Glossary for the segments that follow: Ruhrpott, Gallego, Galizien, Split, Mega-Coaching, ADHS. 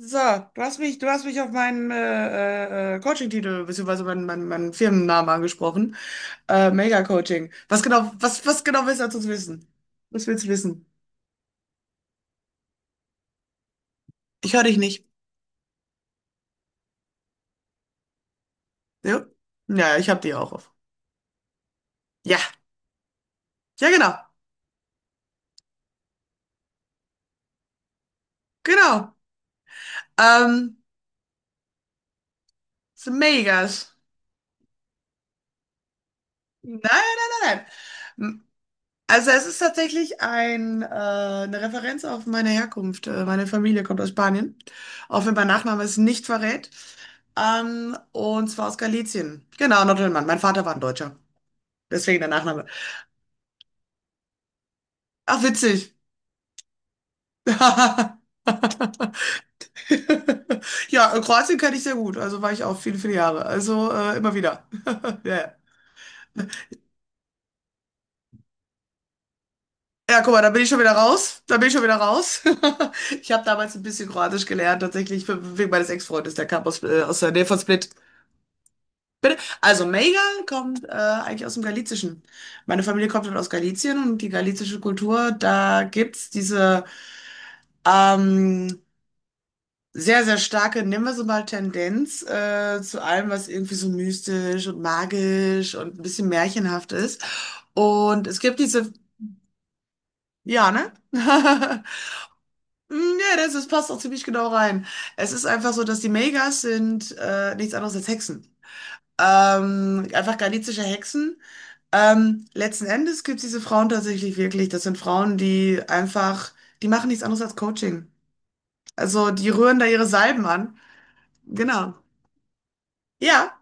So, du hast mich auf meinen Coaching-Titel beziehungsweise meinen Firmennamen angesprochen. Mega-Coaching. Was genau, was genau willst du dazu wissen? Was willst du wissen? Ich höre dich nicht. Ja? Ja, ich hab die auch auf. Ja, ja, genau. Genau. Ähm, Ist Megas. Nein, nein, nein, nein. Also es ist tatsächlich eine Referenz auf meine Herkunft. Meine Familie kommt aus Spanien, auch wenn mein Nachname es nicht verrät. Und zwar aus Galizien. Genau, Nordrhein-Mann. Mein Vater war ein Deutscher. Deswegen der Nachname. Ach, witzig. Ja, Kroatien kenne ich sehr gut. Also war ich auch viele, viele Jahre. Also immer wieder. Ja. Ja, guck mal, da bin ich schon wieder raus. Da bin ich schon wieder raus. Ich habe damals ein bisschen Kroatisch gelernt, tatsächlich wegen meines Ex-Freundes, der kam aus der Nähe von Split. Also Mega kommt eigentlich aus dem Galizischen. Meine Familie kommt dann aus Galizien und die galizische Kultur, da gibt's diese ähm, sehr, sehr starke, nennen wir sie mal, Tendenz zu allem, was irgendwie so mystisch und magisch und ein bisschen märchenhaft ist. Und es gibt diese, ja, ne? Hm, ja, das passt auch ziemlich genau rein. Es ist einfach so, dass die Megas sind nichts anderes als Hexen. Einfach galizische Hexen. Letzten Endes gibt es diese Frauen tatsächlich wirklich. Das sind Frauen, die machen nichts anderes als Coaching. Also die rühren da ihre Salben an. Genau. Ja,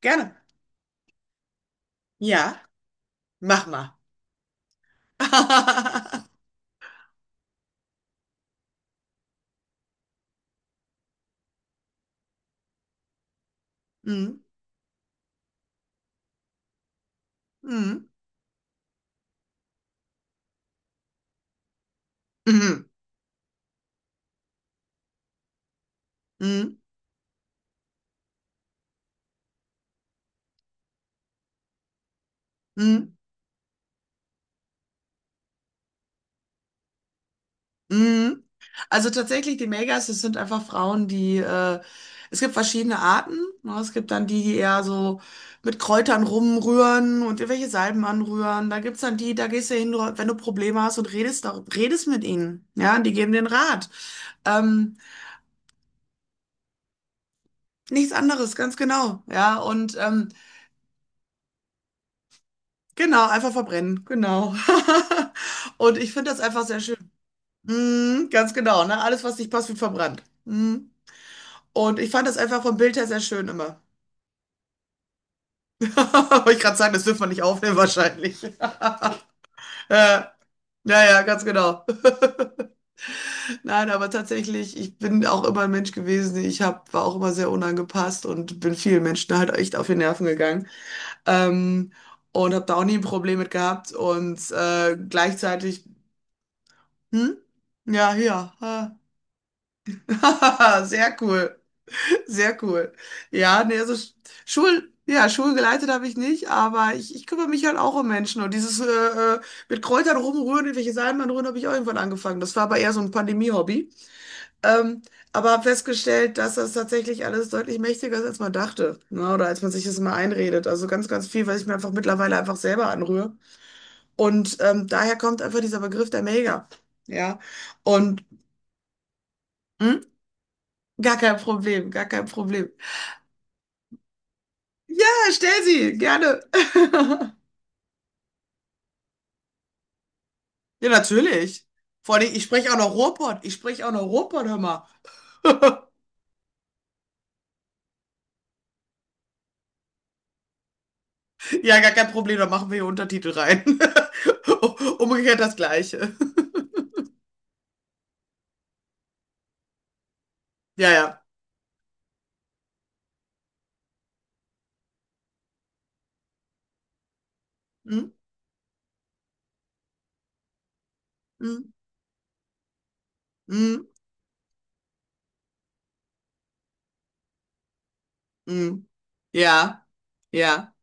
gerne. Ja, mach mal. Mhm. Mhm. Mhm. Mhm. Mhm. Mhm. Also tatsächlich, die Megas, das sind einfach Frauen, es gibt verschiedene Arten. Ne? Es gibt dann die, die eher so mit Kräutern rumrühren und irgendwelche Salben anrühren. Da gibt's dann die, da gehst du hin, wenn du Probleme hast und redest, redest mit ihnen. Ja, die geben den Rat. Ähm, Nichts anderes, ganz genau. Ja, und genau, einfach verbrennen, genau. Und ich finde das einfach sehr schön. Mhm, ganz genau, ne? Alles, was nicht passt, wird verbrannt. Mhm. Und ich fand das einfach vom Bild her sehr schön immer. Wollte ich gerade sagen, das dürfen wir nicht aufnehmen wahrscheinlich. Äh, naja, ganz genau. Nein, aber tatsächlich, ich bin auch immer ein Mensch gewesen. War auch immer sehr unangepasst und bin vielen Menschen halt echt auf die Nerven gegangen. Ähm, und habe da auch nie ein Problem mit gehabt. Und gleichzeitig, hm? Ja, ja. Ah. Sehr cool. Sehr cool. Ja, nee, also Schul, ja, Schulgeleitet habe ich nicht, aber ich kümmere mich halt auch um Menschen. Und dieses mit Kräutern rumrühren, irgendwelche Salmen rühren, habe ich auch irgendwann angefangen. Das war aber eher so ein Pandemie-Hobby. Ähm, aber habe festgestellt, dass das tatsächlich alles deutlich mächtiger ist, als man dachte. Ne? Oder als man sich das immer einredet. Also ganz, ganz viel, was ich mir einfach mittlerweile einfach selber anrühre. Und daher kommt einfach dieser Begriff der Mega. Ja. Und hm, gar kein Problem, gar kein Problem. Ja, stell sie, gerne. Ja, natürlich. Vor allem, ich spreche auch noch Ruhrpott. Ich spreche auch noch Ruhrpott, hör mal. Ja, gar kein Problem, da machen wir hier Untertitel rein. Umgekehrt das Gleiche. Ja, ja. Hm, hm, hm, hm. Ja, ja.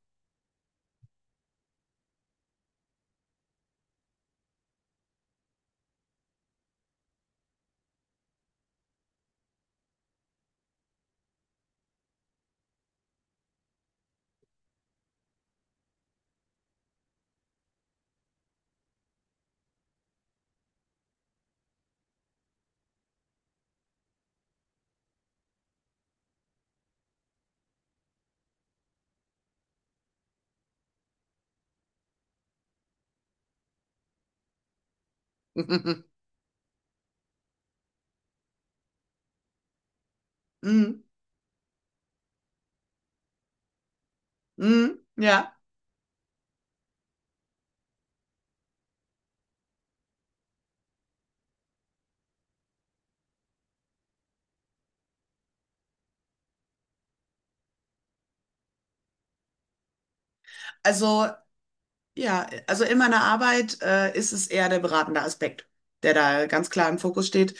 Hm, hm, ja. Also, ja, also in meiner Arbeit ist es eher der beratende Aspekt, der da ganz klar im Fokus steht.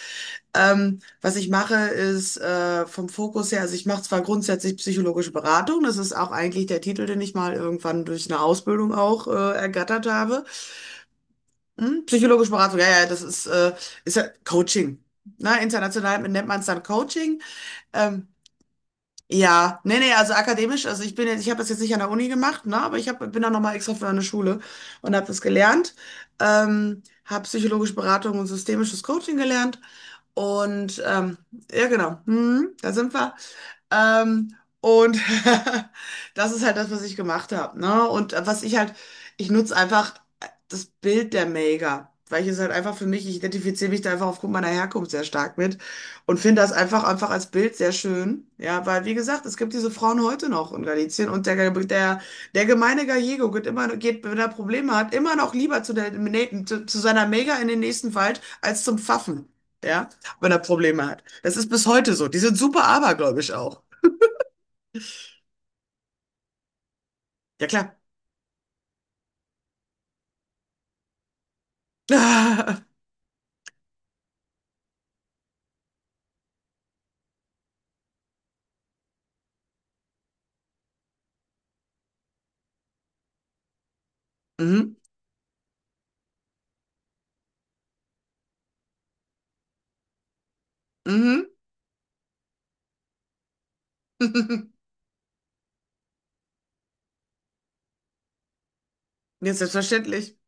Was ich mache, ist vom Fokus her, also ich mache zwar grundsätzlich psychologische Beratung, das ist auch eigentlich der Titel, den ich mal irgendwann durch eine Ausbildung auch ergattert habe. Hm? Psychologische Beratung, ja, ja, ist ja Coaching. Na, international nennt man es dann Coaching. Ähm, ja, nee, nee, also akademisch, ich habe das jetzt nicht an der Uni gemacht, ne, aber bin dann nochmal extra für eine Schule und habe das gelernt. Habe psychologische Beratung und systemisches Coaching gelernt. Und ja, genau, da sind wir. Ähm, und das ist halt das, was ich gemacht habe. Ne? Und was ich halt, ich nutze einfach das Bild der Mega weil ich es halt einfach für mich, ich identifiziere mich da einfach aufgrund meiner Herkunft sehr stark mit und finde das einfach, einfach als Bild sehr schön. Ja, weil wie gesagt, es gibt diese Frauen heute noch in Galicien und der gemeine Gallego geht immer, geht, wenn er Probleme hat, immer noch lieber zu seiner Mega in den nächsten Wald als zum Pfaffen. Ja wenn er Probleme hat. Das ist bis heute so. Die sind super abergläubisch auch. Ja, klar. Ah, mhm. Mhm. Ja, selbstverständlich.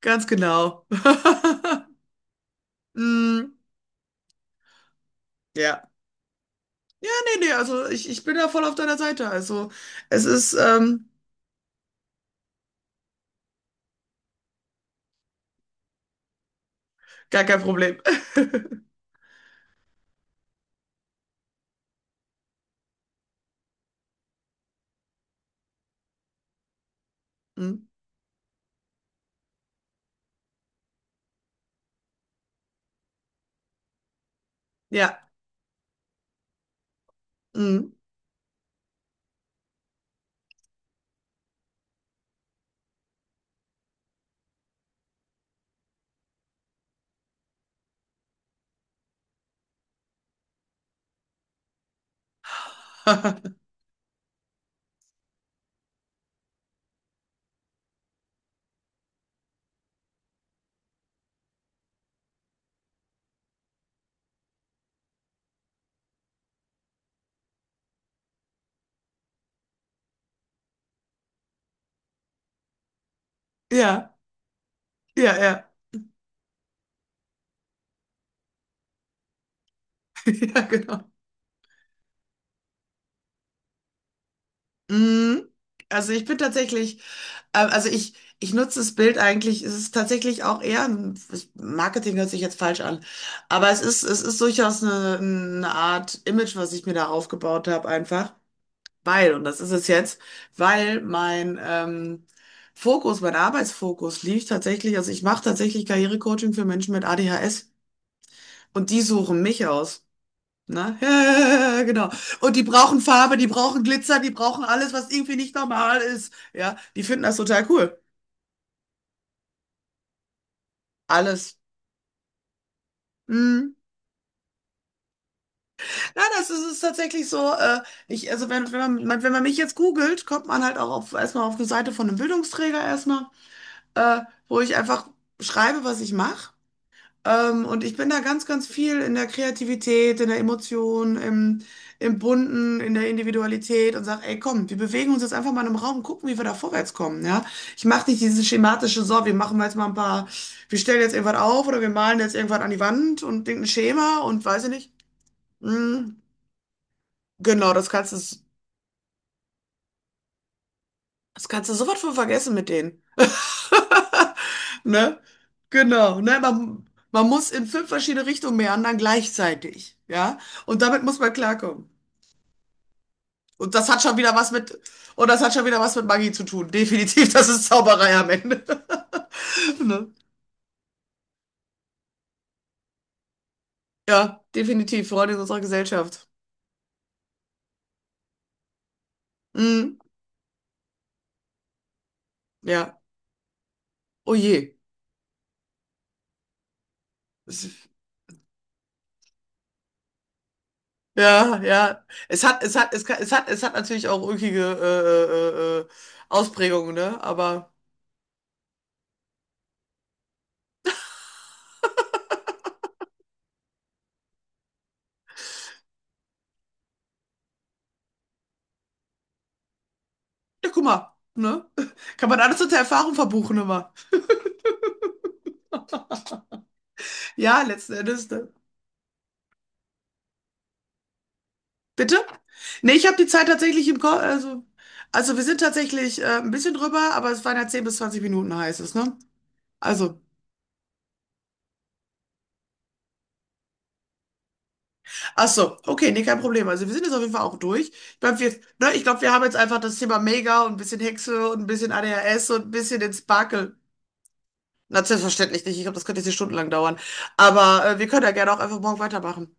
Ganz genau. Mm, ja. Ja, nee, nee, also ich bin da voll auf deiner Seite. Also es ist gar kein Problem. Mm, ja. Mm. Ja, ja, ja. Ja, genau. Mm, Also ich bin tatsächlich. Also ich nutze das Bild eigentlich, es ist tatsächlich auch eher Marketing hört sich jetzt falsch an, aber es ist durchaus eine Art Image, was ich mir da aufgebaut habe, einfach, weil, und das ist es jetzt, weil mein Fokus, mein Arbeitsfokus liegt tatsächlich, also ich mache tatsächlich Karrierecoaching für Menschen mit ADHS und die suchen mich aus. Ne? Genau. Und die brauchen Farbe, die brauchen Glitzer, die brauchen alles, was irgendwie nicht normal ist. Ja, die finden das total cool. Alles. Mhm. Ja, das ist tatsächlich so. Ich, also wenn, wenn man mich jetzt googelt, kommt man halt auch auf, erstmal auf eine Seite von einem Bildungsträger erstmal, äh, wo ich einfach schreibe, was ich mache. Und ich bin da ganz, ganz viel in der Kreativität, in der Emotion, im Bunten, in der Individualität und sage, ey, komm, wir bewegen uns jetzt einfach mal in einem Raum und gucken, wie wir da vorwärts kommen. Ja? Ich mache nicht dieses schematische, so, wir machen jetzt mal ein paar, wir stellen jetzt irgendwas auf oder wir malen jetzt irgendwas an die Wand und denken ein Schema und weiß ich nicht. Mm. Genau, das kannst du sofort von vergessen mit denen. Ne? Genau, ne? Man muss in fünf verschiedene Richtungen meandern gleichzeitig, ja? Und damit muss man klarkommen. Und das hat schon wieder was mit, und das hat schon wieder was mit Magie zu tun. Definitiv, das ist Zauberei am Ende. Ne? Ja, definitiv, Freunde in unserer Gesellschaft. Mhm. Ja, oh je. Es, ja, ja. Es hat, es hat, es, kann- es hat, Es hat natürlich auch ulkige Ausprägungen, ne? Aber. Ja, guck mal, ne? Kann man alles unter Erfahrung verbuchen immer. Ja, letzten Endes, ne? Bitte? Nee, ich habe die Zeit tatsächlich im Kopf, also wir sind tatsächlich ein bisschen drüber, aber es waren ja 10 bis 20 Minuten, heißt es, ne? Also, ach so, okay, nee, kein Problem. Also wir sind jetzt auf jeden Fall auch durch. Ich glaube, wir, ne, ich glaub, wir haben jetzt einfach das Thema Mega und ein bisschen Hexe und ein bisschen ADHS und ein bisschen den Sparkle. Na, selbstverständlich nicht. Ich glaube, das könnte jetzt hier stundenlang dauern. Aber wir können ja gerne auch einfach morgen weitermachen.